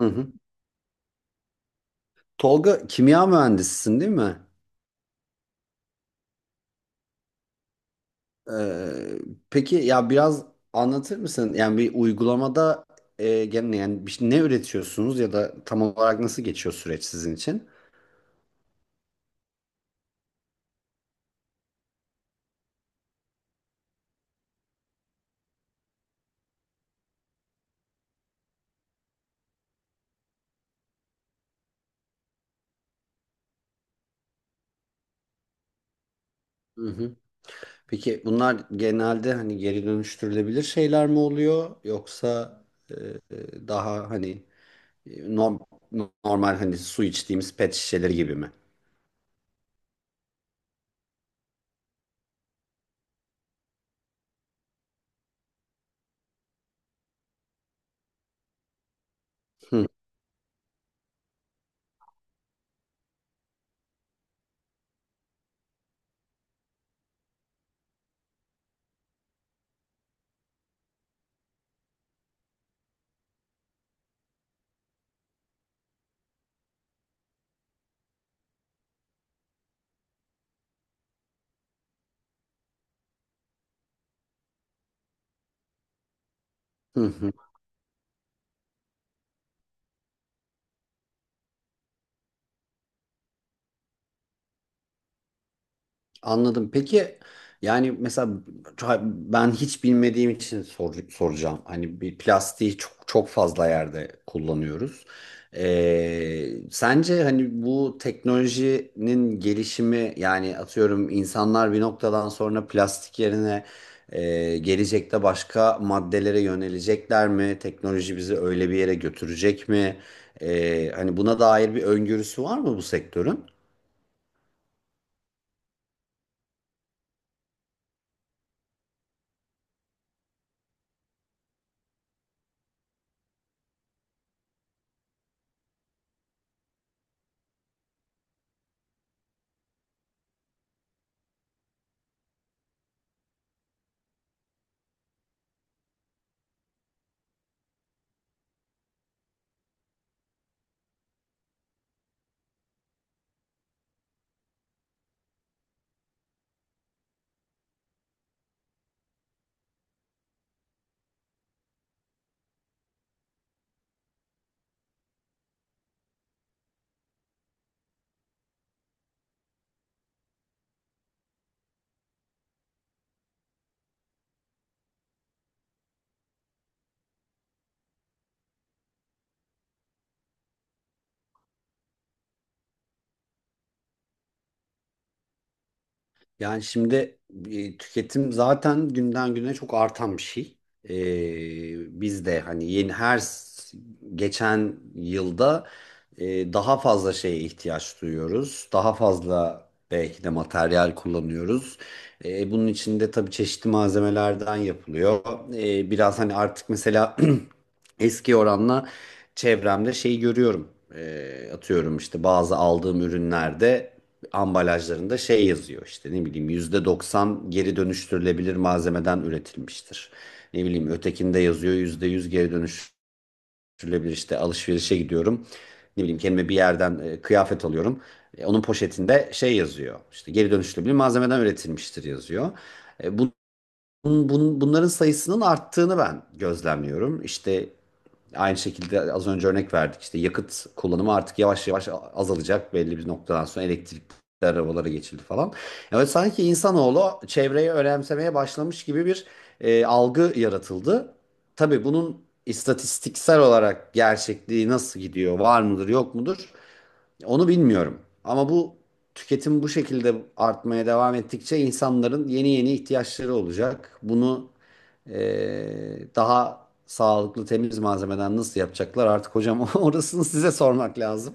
Hı hı. Tolga kimya mühendisisin değil mi? Ee, peki ya biraz anlatır mısın? Yani bir uygulamada gene ne üretiyorsunuz ya da tam olarak nasıl geçiyor süreç sizin için? Hı hı. Peki bunlar genelde hani geri dönüştürülebilir şeyler mi oluyor yoksa e, daha hani e, norm- normal hani su içtiğimiz pet şişeleri gibi mi? Hı hı. Anladım. Peki yani mesela ben hiç bilmediğim için soracağım. Hani bir plastiği çok çok fazla yerde kullanıyoruz. Sence hani bu teknolojinin gelişimi yani atıyorum insanlar bir noktadan sonra plastik yerine gelecekte başka maddelere yönelecekler mi? Teknoloji bizi öyle bir yere götürecek mi? Hani buna dair bir öngörüsü var mı bu sektörün? Yani şimdi tüketim zaten günden güne çok artan bir şey. Biz de hani geçen yılda daha fazla şeye ihtiyaç duyuyoruz. Daha fazla belki de materyal kullanıyoruz. Bunun içinde tabii çeşitli malzemelerden yapılıyor. Biraz hani artık mesela eski oranla çevremde şey görüyorum. Atıyorum işte bazı aldığım ürünlerde ambalajlarında şey yazıyor işte ne bileyim %90 geri dönüştürülebilir malzemeden üretilmiştir. Ne bileyim ötekinde yazıyor %100 geri dönüştürülebilir işte alışverişe gidiyorum. Ne bileyim kendime bir yerden kıyafet alıyorum. Onun poşetinde şey yazıyor işte geri dönüştürülebilir malzemeden üretilmiştir yazıyor. E, Bunların sayısının arttığını ben gözlemliyorum. İşte aynı şekilde az önce örnek verdik. İşte yakıt kullanımı artık yavaş yavaş azalacak. Belli bir noktadan sonra elektrikli arabalara geçildi falan. Yani sanki insanoğlu çevreyi önemsemeye başlamış gibi bir algı yaratıldı. Tabii bunun istatistiksel olarak gerçekliği nasıl gidiyor, var mıdır, yok mudur? Onu bilmiyorum. Ama bu tüketim bu şekilde artmaya devam ettikçe insanların yeni yeni ihtiyaçları olacak. Bunu daha sağlıklı temiz malzemeden nasıl yapacaklar artık hocam orasını size sormak lazım.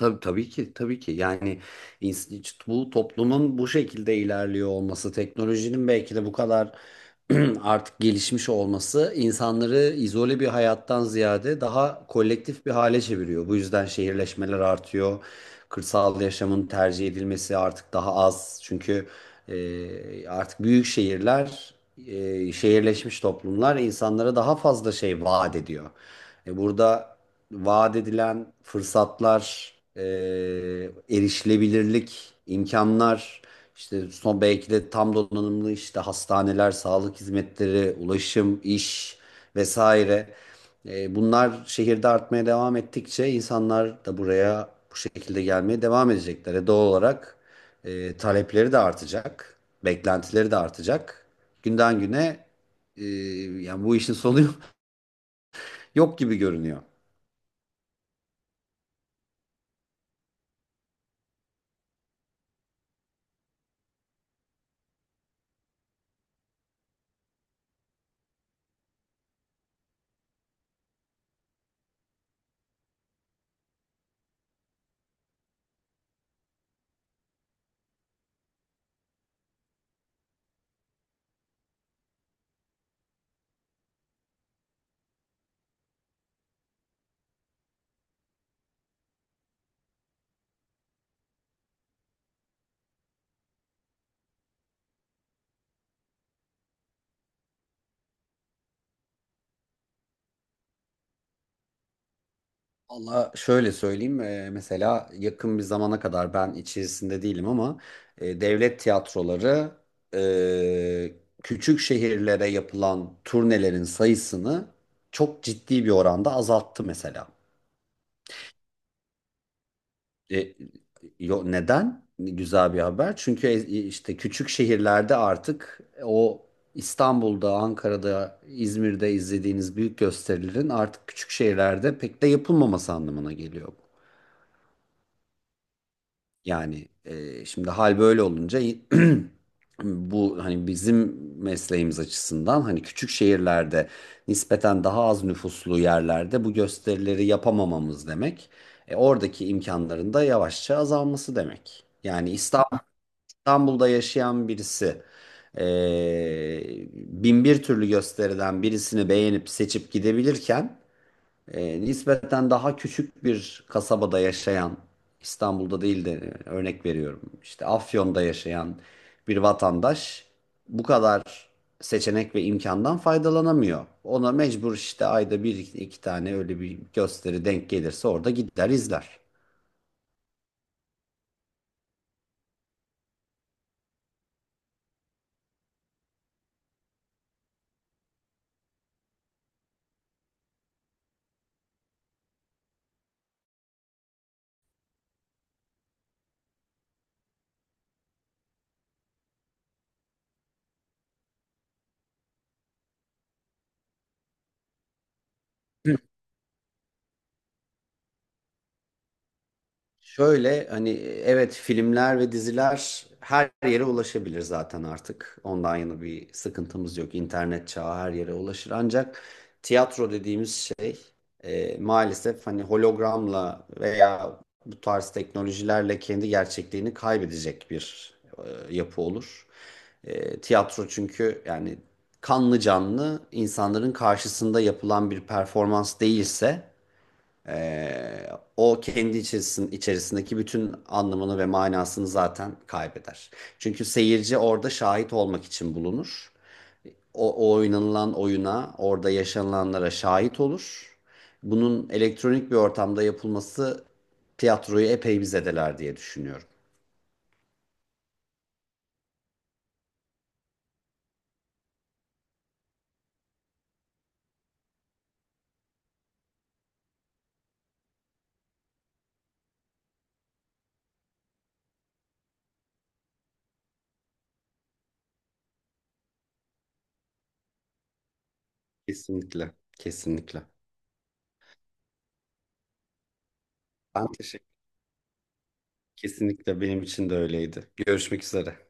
Tabii, tabii ki tabii ki yani bu toplumun bu şekilde ilerliyor olması teknolojinin belki de bu kadar artık gelişmiş olması insanları izole bir hayattan ziyade daha kolektif bir hale çeviriyor. Bu yüzden şehirleşmeler artıyor. Kırsal yaşamın tercih edilmesi artık daha az. Çünkü artık büyük şehirler, şehirleşmiş toplumlar insanlara daha fazla şey vaat ediyor. Burada vaat edilen fırsatlar, erişilebilirlik, imkanlar, işte son belki de tam donanımlı işte hastaneler, sağlık hizmetleri, ulaşım, iş vesaire. Bunlar şehirde artmaya devam ettikçe insanlar da buraya bu şekilde gelmeye devam edecekler. Doğal olarak talepleri de artacak, beklentileri de artacak. Günden güne e, yani bu işin sonu yok gibi görünüyor. Valla şöyle söyleyeyim, mesela yakın bir zamana kadar ben içerisinde değilim ama devlet tiyatroları, eee, küçük şehirlere yapılan turnelerin sayısını çok ciddi bir oranda azalttı mesela. E, Neden? Güzel bir haber. Çünkü işte küçük şehirlerde artık o İstanbul'da, Ankara'da, İzmir'de izlediğiniz büyük gösterilerin artık küçük şehirlerde pek de yapılmaması anlamına geliyor bu. Yani şimdi hal böyle olunca bu hani bizim mesleğimiz açısından hani küçük şehirlerde nispeten daha az nüfuslu yerlerde bu gösterileri yapamamamız demek. Oradaki imkanların da yavaşça azalması demek. İstanbul'da yaşayan birisi e, bin bir türlü gösteriden birisini beğenip seçip gidebilirken nispeten daha küçük bir kasabada yaşayan, İstanbul'da değil de örnek veriyorum işte Afyon'da yaşayan bir vatandaş bu kadar seçenek ve imkandan faydalanamıyor. Ona mecbur işte ayda bir iki tane öyle bir gösteri denk gelirse orada gider izler. Şöyle hani evet filmler ve diziler her yere ulaşabilir zaten artık. Ondan yana bir sıkıntımız yok. İnternet çağı her yere ulaşır. Ancak tiyatro dediğimiz şey maalesef hani hologramla veya bu tarz teknolojilerle kendi gerçekliğini kaybedecek bir yapı olur. Tiyatro çünkü yani kanlı canlı insanların karşısında yapılan bir performans değilse o kendi içerisindeki bütün anlamını ve manasını zaten kaybeder. Çünkü seyirci orada şahit olmak için bulunur. O oynanılan oyuna, orada yaşanılanlara şahit olur. Bunun elektronik bir ortamda yapılması tiyatroyu epey bir zedeler diye düşünüyorum. Kesinlikle, kesinlikle. Ben teşekkür Kesinlikle benim için de öyleydi. Görüşmek üzere.